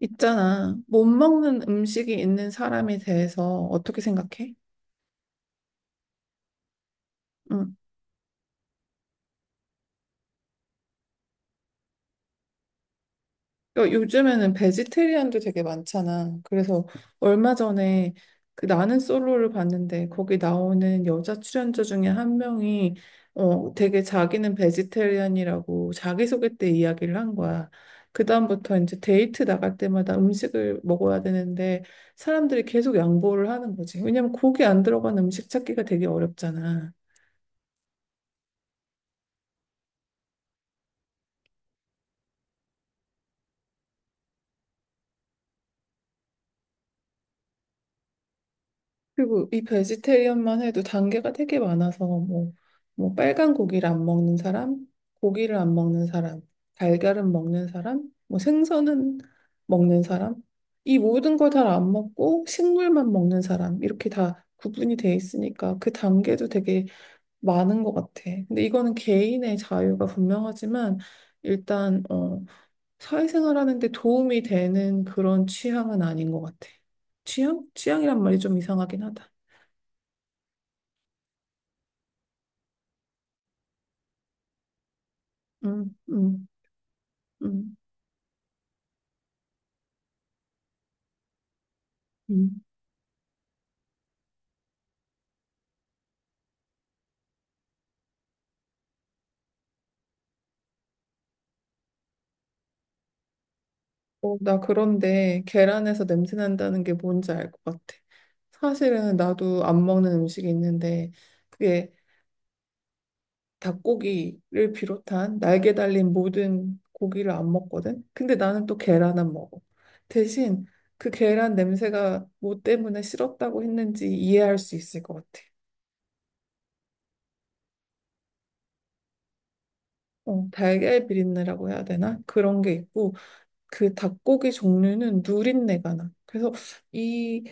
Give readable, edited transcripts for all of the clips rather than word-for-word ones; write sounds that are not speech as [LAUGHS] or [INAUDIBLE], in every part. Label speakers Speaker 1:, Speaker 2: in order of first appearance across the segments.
Speaker 1: 있잖아. 못 먹는 음식이 있는 사람에 대해서 어떻게 생각해? 응. 그러니까 요즘에는 베지테리안도 되게 많잖아. 그래서 얼마 전에 그 나는 솔로를 봤는데 거기 나오는 여자 출연자 중에 한 명이 되게 자기는 베지테리안이라고 자기소개 때 이야기를 한 거야. 그다음부터 이제 데이트 나갈 때마다 음식을 먹어야 되는데 사람들이 계속 양보를 하는 거지. 왜냐면 고기 안 들어간 음식 찾기가 되게 어렵잖아. 그리고 이 베지테리언만 해도 단계가 되게 많아서 뭐 빨간 고기를 안 먹는 사람, 고기를 안 먹는 사람, 달걀은 먹는 사람, 뭐 생선은 먹는 사람, 이 모든 걸 다 안 먹고 식물만 먹는 사람 이렇게 다 구분이 돼 있으니까 그 단계도 되게 많은 것 같아. 근데 이거는 개인의 자유가 분명하지만 일단 사회생활하는 데 도움이 되는 그런 취향은 아닌 것 같아. 취향? 취향이란 말이 좀 이상하긴 하다. 음, 음, 음. 음. 어, 나 그런데 계란에서 냄새 난다는 게 뭔지 알 것 같아. 사실은 나도 안 먹는 음식이 있는데 그게 닭고기를 비롯한 날개 달린 모든 고기를 안 먹거든. 근데 나는 또 계란은 먹어. 대신 그 계란 냄새가 뭐 때문에 싫었다고 했는지 이해할 수 있을 것 같아. 어, 달걀 비린내라고 해야 되나? 그런 게 있고 그 닭고기 종류는 누린내가 나. 그래서 이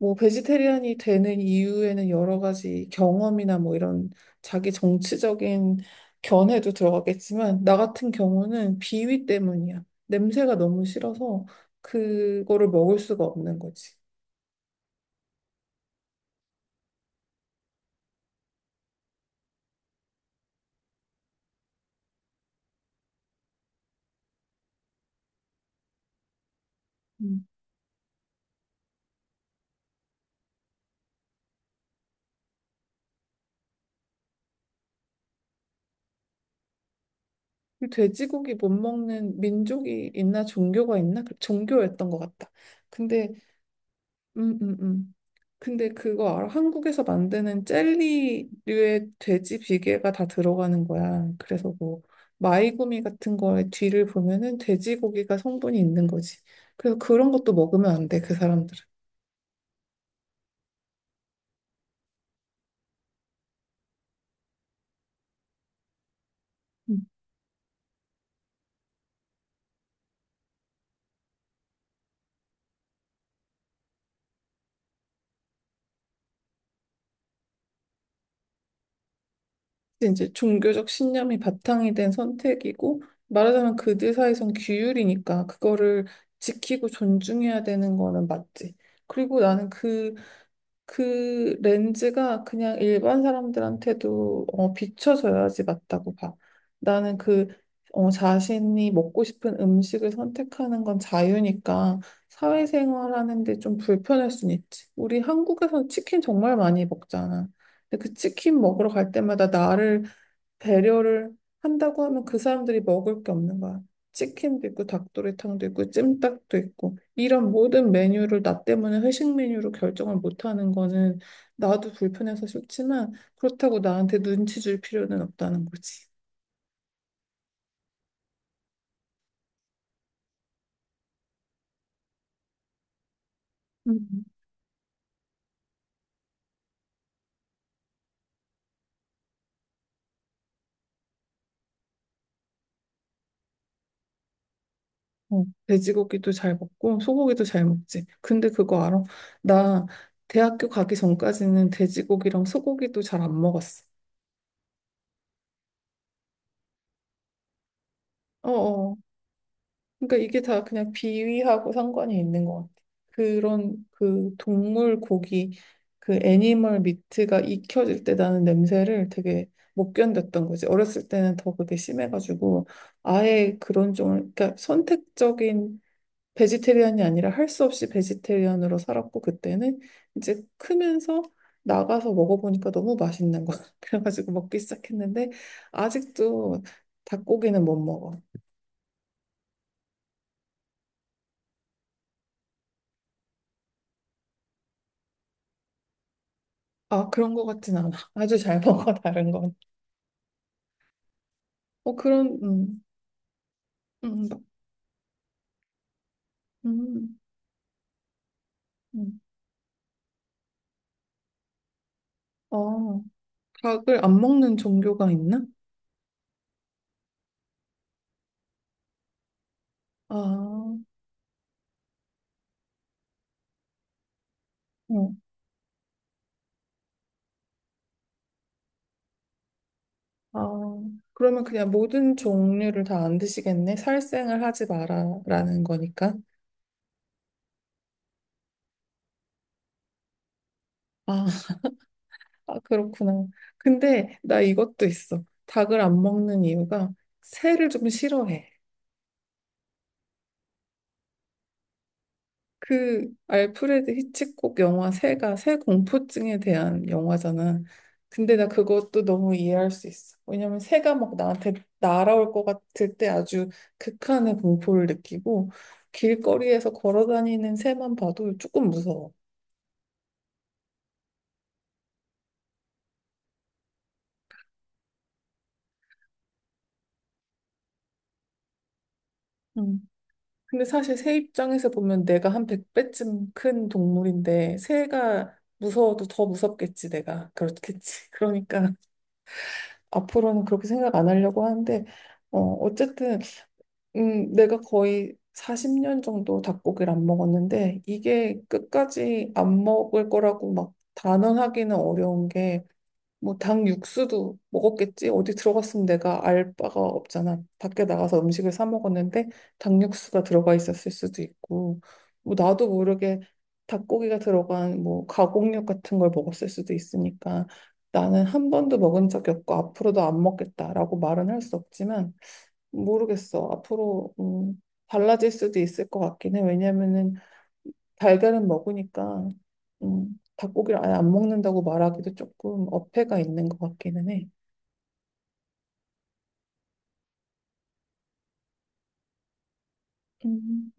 Speaker 1: 뭐 베지테리안이 되는 이유에는 여러 가지 경험이나 뭐 이런 자기 정치적인 견해도 들어가겠지만 나 같은 경우는 비위 때문이야. 냄새가 너무 싫어서 그거를 먹을 수가 없는 거지. 음. 이 돼지고기 못 먹는 민족이 있나 종교가 있나? 그 종교였던 것 같다. 근데 음, 음, 음. 근데 그거 알아? 한국에서 만드는 젤리류의 돼지 비계가 다 들어가는 거야. 그래서 뭐 마이구미 같은 거에 뒤를 보면은 돼지고기가 성분이 있는 거지. 그래서 그런 것도 먹으면 안 돼, 그 사람들은. 음. 근데 이제 종교적 신념이 바탕이 된 선택이고 말하자면 그들 사이선 규율이니까 그거를 지키고 존중해야 되는 거는 맞지. 그리고 나는 그 렌즈가 그냥 일반 사람들한테도 비춰져야지 맞다고 봐. 나는 그 자신이 먹고 싶은 음식을 선택하는 건 자유니까 사회생활하는 데 좀 불편할 순 있지. 우리 한국에서 치킨 정말 많이 먹잖아. 근데 그 치킨 먹으러 갈 때마다 나를 배려를 한다고 하면 그 사람들이 먹을 게 없는 거야. 치킨도 있고 닭도리탕도 있고 찜닭도 있고 이런 모든 메뉴를 나 때문에 회식 메뉴로 결정을 못하는 거는 나도 불편해서 싫지만 그렇다고 나한테 눈치 줄 필요는 없다는 거지. 음. 어, 돼지고기도 잘 먹고 소고기도 잘 먹지. 근데 그거 알아? 나 대학교 가기 전까지는 돼지고기랑 소고기도 잘 안 먹었어. 어어. 그러니까 이게 다 그냥 비위하고 상관이 있는 것 같아. 그런 그 동물 고기, 그 애니멀 미트가 익혀질 때 나는 냄새를 되게 못 견뎠던 거지. 어렸을 때는 더 그게 심해가지고 아예 그런 종을, 그러니까 선택적인 베지테리안이 아니라 할 수 없이 베지테리안으로 살았고 그때는 이제 크면서 나가서 먹어보니까 너무 맛있는 거야. [LAUGHS] 그래가지고 먹기 시작했는데 아직도 닭고기는 못 먹어. 아, 그런 것 같진 않아. [LAUGHS] 아주 잘 먹어, 다른 건. 어, 그런, 음, 음, 음. 어, 닭을 안 먹는 종교가 있나? 아, 어, 아, 그러면 그냥 모든 종류를 다 안 드시겠네? 살생을 하지 마라라는 거니까. 아, 아, 그렇구나. 근데 나 이것도 있어. 닭을 안 먹는 이유가 새를 좀 싫어해. 그 알프레드 히치콕 영화 새가 새 공포증에 대한 영화잖아. 근데 나 그것도 너무 이해할 수 있어. 왜냐면 새가 막 나한테 날아올 것 같을 때 아주 극한의 공포를 느끼고 길거리에서 걸어 다니는 새만 봐도 조금 무서워. 음. 근데 사실 새 입장에서 보면 내가 한 백배쯤 큰 동물인데 새가 무서워도 더 무섭겠지 내가. 그렇겠지. [LAUGHS] 그러니까 앞으로는 그렇게 생각 안 하려고 하는데 어쨌든 내가 거의 40년 정도 닭고기를 안 먹었는데 이게 끝까지 안 먹을 거라고 막 단언하기는 어려운 게 뭐 닭 육수도 먹었겠지 어디 들어갔으면 내가 알 바가 없잖아 밖에 나가서 음식을 사 먹었는데 닭 육수가 들어가 있었을 수도 있고 뭐 나도 모르게 닭고기가 들어간 뭐 가공육 같은 걸 먹었을 수도 있으니까 나는 한 번도 먹은 적이 없고 앞으로도 안 먹겠다라고 말은 할 수 없지만 모르겠어. 앞으로 달라질 수도 있을 것 같긴 해. 왜냐면은 달걀은 먹으니까 닭고기를 아예 안 먹는다고 말하기도 조금 어폐가 있는 것 같기는 해. 음.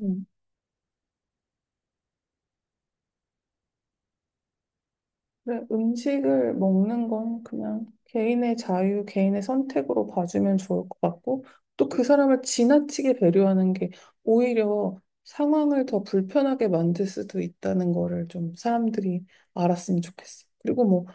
Speaker 1: 음. 그래, 음식을 먹는 건 그냥 개인의 자유, 개인의 선택으로 봐주면 좋을 것 같고, 또 그 사람을 지나치게 배려하는 게 오히려 상황을 더 불편하게 만들 수도 있다는 거를 좀 사람들이 알았으면 좋겠어. 그리고 뭐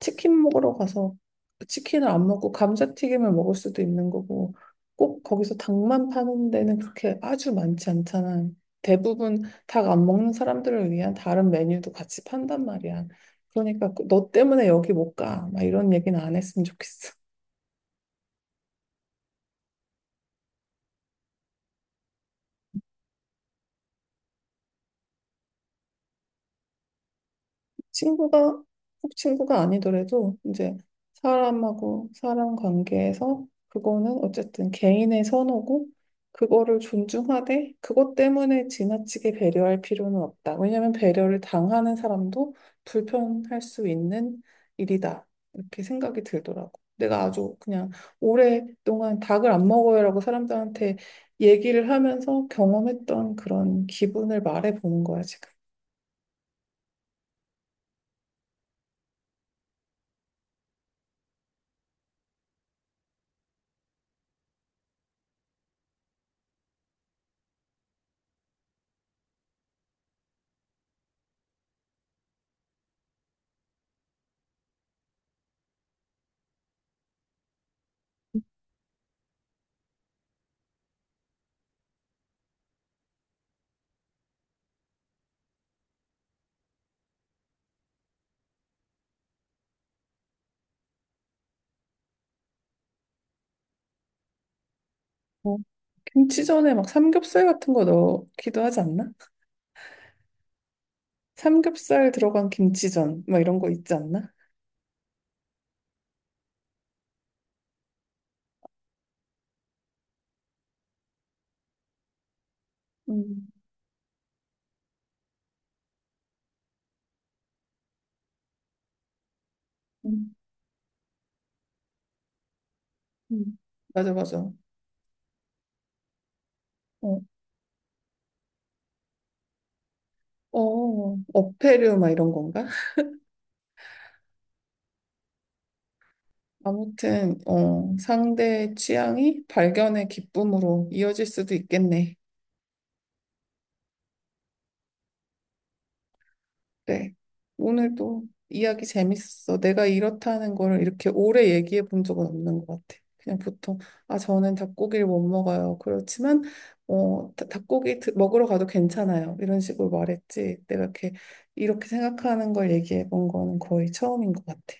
Speaker 1: 치킨 먹으러 가서 그 치킨을 안 먹고 감자튀김을 먹을 수도 있는 거고 꼭 거기서 닭만 파는 데는 그렇게 아주 많지 않잖아. 대부분 닭 안 먹는 사람들을 위한 다른 메뉴도 같이 판단 말이야. 너 때문에 여기 못 가. 막 이런 얘기는 안 했으면 좋겠어. 친구가 꼭 친구가 아니더라도 이제 사람하고 사람 관계에서 그거는 어쨌든 개인의 선호고 그거를 존중하되 그것 때문에 지나치게 배려할 필요는 없다. 왜냐하면 배려를 당하는 사람도 불편할 수 있는 일이다. 이렇게 생각이 들더라고. 내가 아주 그냥 오랫동안 닭을 안 먹어요라고 사람들한테 얘기를 하면서 경험했던 그런 기분을 말해보는 거야, 지금. 어, 김치전에 막 삼겹살 같은 거 넣기도 하지 않나? 삼겹살 들어간 김치전 막 이런 거 있지 않나? 음, 음, 음. 맞아 맞아. 어, 어패류 막 이런 건가? 아무튼 어, 상대의 취향이 발견의 기쁨으로 이어질 수도 있겠네. 네. 오늘도 이야기 재밌었어. 내가 이렇다는 거를 이렇게 오래 얘기해 본 적은 없는 것 같아. 그냥 보통, 아, 저는 닭고기를 못 먹어요. 그렇지만, 먹으러 가도 괜찮아요. 이런 식으로 말했지. 내가 이렇게, 이렇게 생각하는 걸 얘기해 본 거는 거의 처음인 것 같아.